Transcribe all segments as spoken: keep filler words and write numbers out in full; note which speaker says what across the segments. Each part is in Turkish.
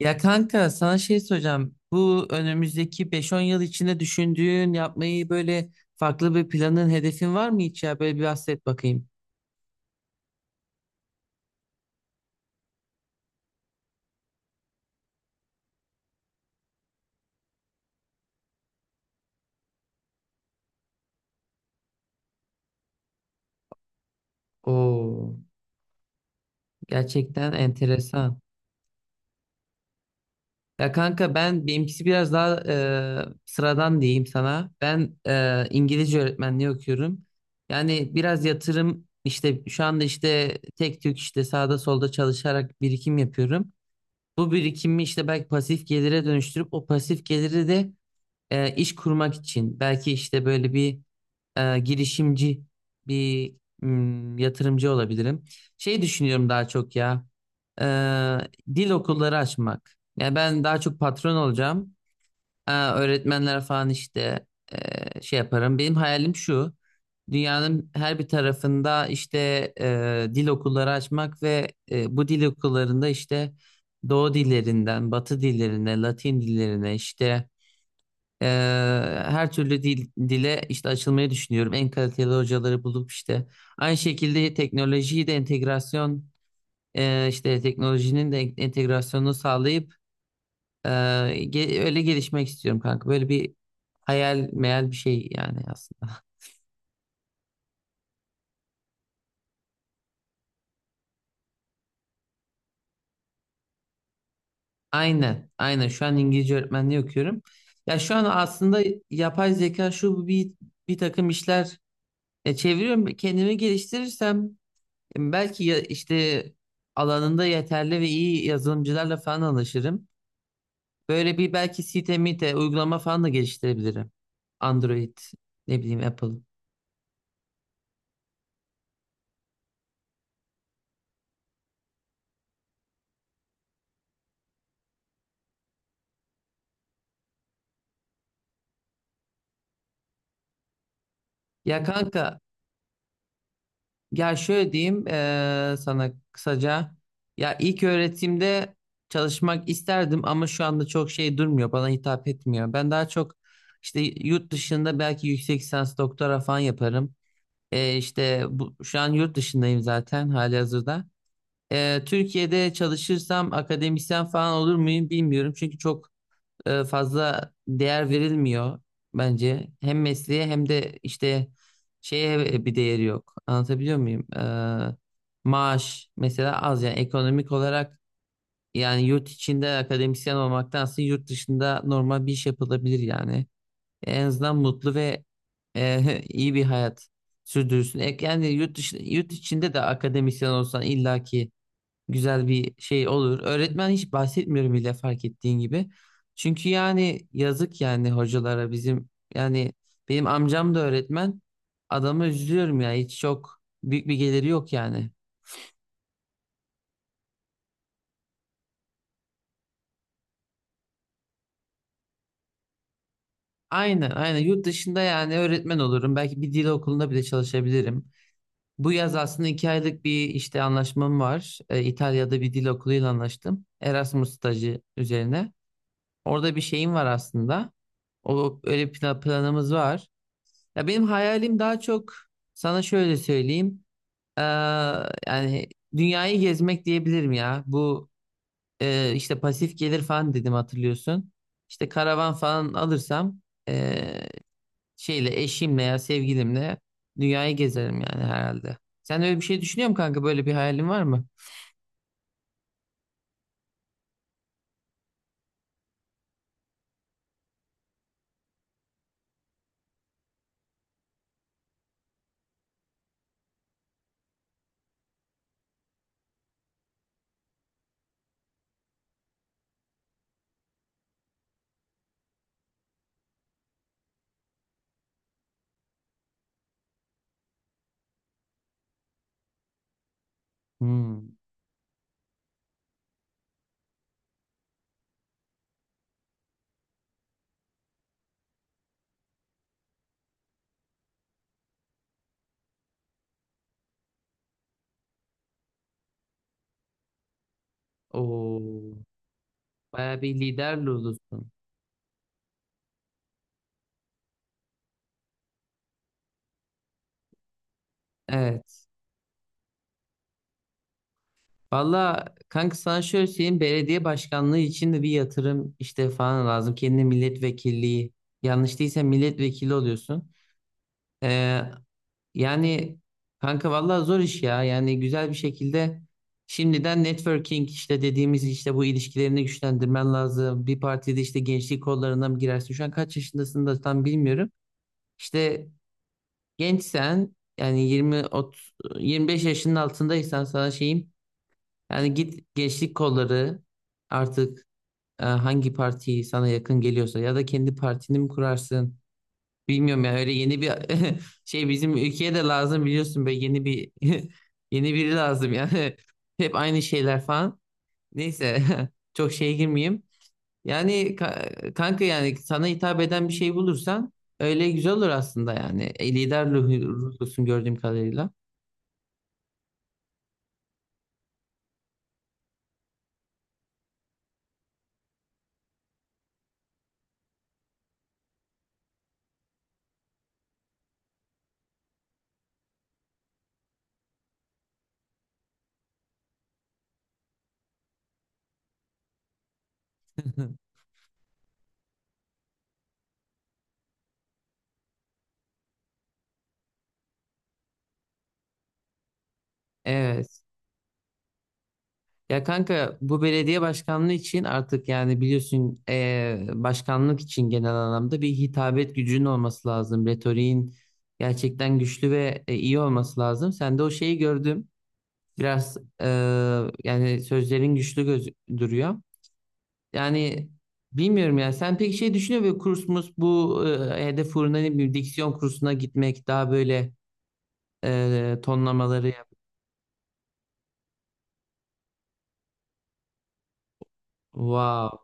Speaker 1: Ya kanka sana şey soracağım. Bu önümüzdeki beş-on yıl içinde düşündüğün yapmayı böyle farklı bir planın, hedefin var mı hiç ya? Böyle bir bahset bakayım. Oo, gerçekten enteresan. Ya kanka ben benimkisi biraz daha e, sıradan diyeyim sana. Ben e, İngilizce öğretmenliği okuyorum. Yani biraz yatırım işte şu anda işte tek tük işte sağda solda çalışarak birikim yapıyorum. Bu birikimi işte belki pasif gelire dönüştürüp o pasif geliri de e, iş kurmak için belki işte böyle bir e, girişimci bir mm, yatırımcı olabilirim. Şey düşünüyorum daha çok ya e, dil okulları açmak. Yani ben daha çok patron olacağım. E, öğretmenler falan işte e, şey yaparım. Benim hayalim şu. Dünyanın her bir tarafında işte e, dil okulları açmak ve e, bu dil okullarında işte Doğu dillerinden, Batı dillerine, Latin dillerine işte ee, her türlü dil, dile işte açılmayı düşünüyorum. En kaliteli hocaları bulup işte aynı şekilde teknolojiyi de entegrasyon e, işte teknolojinin de entegrasyonunu sağlayıp e, ge- öyle gelişmek istiyorum kanka. Böyle bir hayal meyal bir şey yani aslında. Aynen, aynen. Şu an İngilizce öğretmenliği okuyorum. Ya şu an aslında yapay zeka şu bu bir bir takım işler e, çeviriyorum. Kendimi geliştirirsem belki ya- işte alanında yeterli ve iyi yazılımcılarla falan anlaşırım. Böyle bir belki site mite uygulama falan da geliştirebilirim. Android ne bileyim Apple. Ya kanka ya şöyle diyeyim eee, sana kısaca. Ya ilk öğretimde çalışmak isterdim ama şu anda çok şey durmuyor bana hitap etmiyor. Ben daha çok işte yurt dışında belki yüksek lisans doktora falan yaparım. Eee, işte bu, şu an yurt dışındayım zaten halihazırda. Ee, Türkiye'de çalışırsam akademisyen falan olur muyum bilmiyorum. Çünkü çok e, fazla değer verilmiyor bence. Hem mesleğe hem de işte şeye bir değeri yok. Anlatabiliyor muyum? Ee, maaş mesela az yani ekonomik olarak yani yurt içinde akademisyen olmaktansa yurt dışında normal bir iş yapılabilir yani. En azından mutlu ve e, iyi bir hayat sürdürürsün. E, Yani yurt dışı, yurt içinde de akademisyen olsan illaki güzel bir şey olur. Öğretmen hiç bahsetmiyorum bile fark ettiğin gibi. Çünkü yani yazık yani hocalara bizim yani benim amcam da öğretmen. Adamı üzülüyorum ya hiç çok büyük bir geliri yok yani. Aynen aynen yurt dışında yani öğretmen olurum. Belki bir dil okulunda bile çalışabilirim. Bu yaz aslında iki aylık bir işte anlaşmam var. Ee, İtalya'da bir dil okuluyla anlaştım. Erasmus stajı üzerine. Orada bir şeyim var aslında. O öyle plan- planımız var. Ya benim hayalim daha çok sana şöyle söyleyeyim. Eee, yani dünyayı gezmek diyebilirim ya. Bu eee, işte pasif gelir falan dedim hatırlıyorsun. İşte karavan falan alırsam eee, şeyle eşimle ya sevgilimle dünyayı gezerim yani herhalde. Sen öyle bir şey düşünüyor musun kanka? Böyle bir hayalin var mı? Hmm. Oo. Bayağı bir lider olursun. Evet. Valla kanka sana şöyle söyleyeyim belediye başkanlığı için de bir yatırım işte falan lazım. Kendine milletvekilliği yanlış değilse milletvekili oluyorsun. Ee, yani kanka valla zor iş ya yani güzel bir şekilde şimdiden networking işte dediğimiz işte bu ilişkilerini güçlendirmen lazım. Bir partide işte gençlik kollarına mı girersin şu an kaç yaşındasın da tam bilmiyorum. İşte gençsen yani 20 ot- yirmi beş yaşının altındaysan sana şeyim yani git gençlik kolları artık e, hangi parti sana yakın geliyorsa ya da kendi partini mi kurarsın? Bilmiyorum ya öyle yeni bir şey bizim ülkeye de lazım biliyorsun be yeni bir yeni biri lazım yani. Hep aynı şeyler falan. Neyse çok şeye girmeyeyim. Yani ka- kanka yani sana hitap eden bir şey bulursan öyle güzel olur aslında yani. E, lider ruhu- ruhlusun gördüğüm kadarıyla. Evet. Ya kanka bu belediye başkanlığı için artık yani biliyorsun eee, başkanlık için genel anlamda bir hitabet gücünün olması lazım. Retoriğin gerçekten güçlü ve e, iyi olması lazım. Sen de o şeyi gördüm. Biraz eee, yani sözlerin güçlü göz duruyor. Yani bilmiyorum ya sen pek şey düşünüyor musun? Kurs mus bu e, hedef uğruna ne bileyim diksiyon kursuna gitmek daha böyle e, tonlamaları yap. Wow.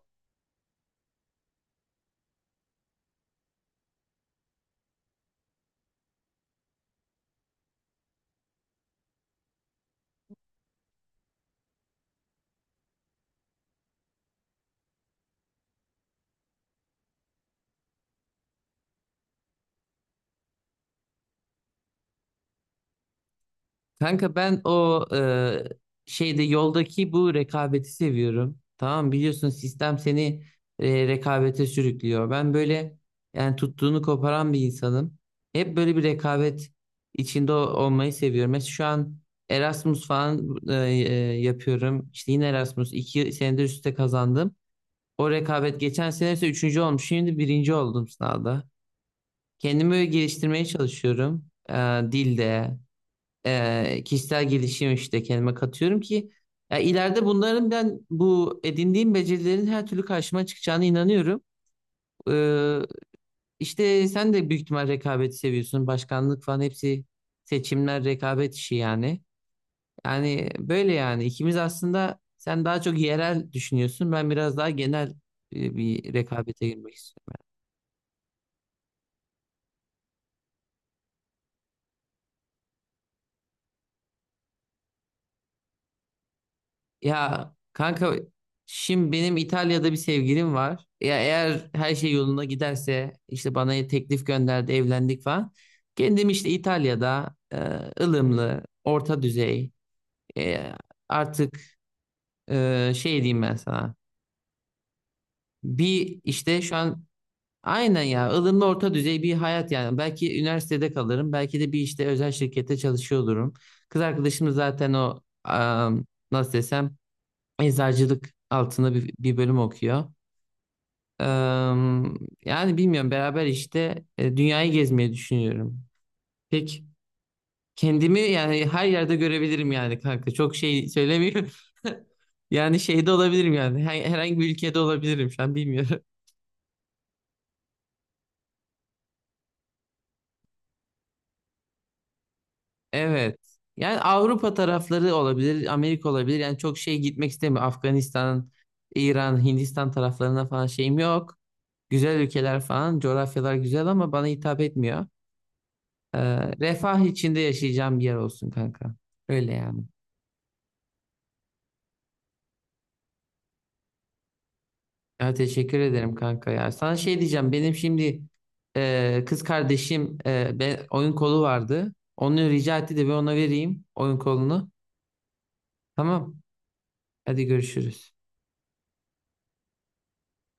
Speaker 1: Kanka ben o e, şeyde yoldaki bu rekabeti seviyorum. Tamam biliyorsun sistem seni e, rekabete sürüklüyor. Ben böyle yani tuttuğunu koparan bir insanım. Hep böyle bir rekabet içinde o- olmayı seviyorum. Mesela şu an Erasmus falan e, e, yapıyorum. İşte yine Erasmus iki senedir üstte kazandım. O rekabet geçen sene ise üçüncü olmuş. Şimdi birinci oldum sınavda. Kendimi böyle geliştirmeye çalışıyorum. E, dilde e, kişisel gelişim işte kendime katıyorum ki ya ileride bunların ben bu edindiğim becerilerin her türlü karşıma çıkacağına inanıyorum. Ee, işte sen de büyük ihtimal rekabeti seviyorsun. Başkanlık falan hepsi seçimler rekabet işi yani. Yani böyle yani ikimiz aslında sen daha çok yerel düşünüyorsun. Ben biraz daha genel e, bir rekabete girmek istiyorum. Ya kanka şimdi benim İtalya'da bir sevgilim var. Ya eğer her şey yolunda giderse işte bana teklif gönderdi, evlendik falan. Kendim işte İtalya'da e, ılımlı, orta düzey e, artık e, şey diyeyim ben sana. Bir işte şu an aynen ya ılımlı orta düzey bir hayat yani. Belki üniversitede kalırım, belki de bir işte özel şirkette çalışıyor olurum. Kız arkadaşım da zaten o am, nasıl desem eczacılık altında bir, bir bölüm okuyor. Eee, yani bilmiyorum beraber işte e, dünyayı gezmeyi düşünüyorum. Pek kendimi yani her yerde görebilirim yani kanka. Çok şey söylemiyorum. Yani şeyde olabilirim yani. Her- Herhangi bir ülkede olabilirim şu an bilmiyorum. Evet. Yani Avrupa tarafları olabilir, Amerika olabilir. Yani çok şey gitmek istemiyorum. Afganistan, İran, Hindistan taraflarına falan şeyim yok. Güzel ülkeler falan, coğrafyalar güzel ama bana hitap etmiyor. Ee, refah içinde yaşayacağım bir yer olsun kanka. Öyle yani. Ya teşekkür ederim kanka ya. Sana şey diyeceğim. Benim şimdi e, kız kardeşim e, be- oyun kolu vardı. Onu rica etti de ben ona vereyim oyun kolunu. Tamam. Hadi görüşürüz.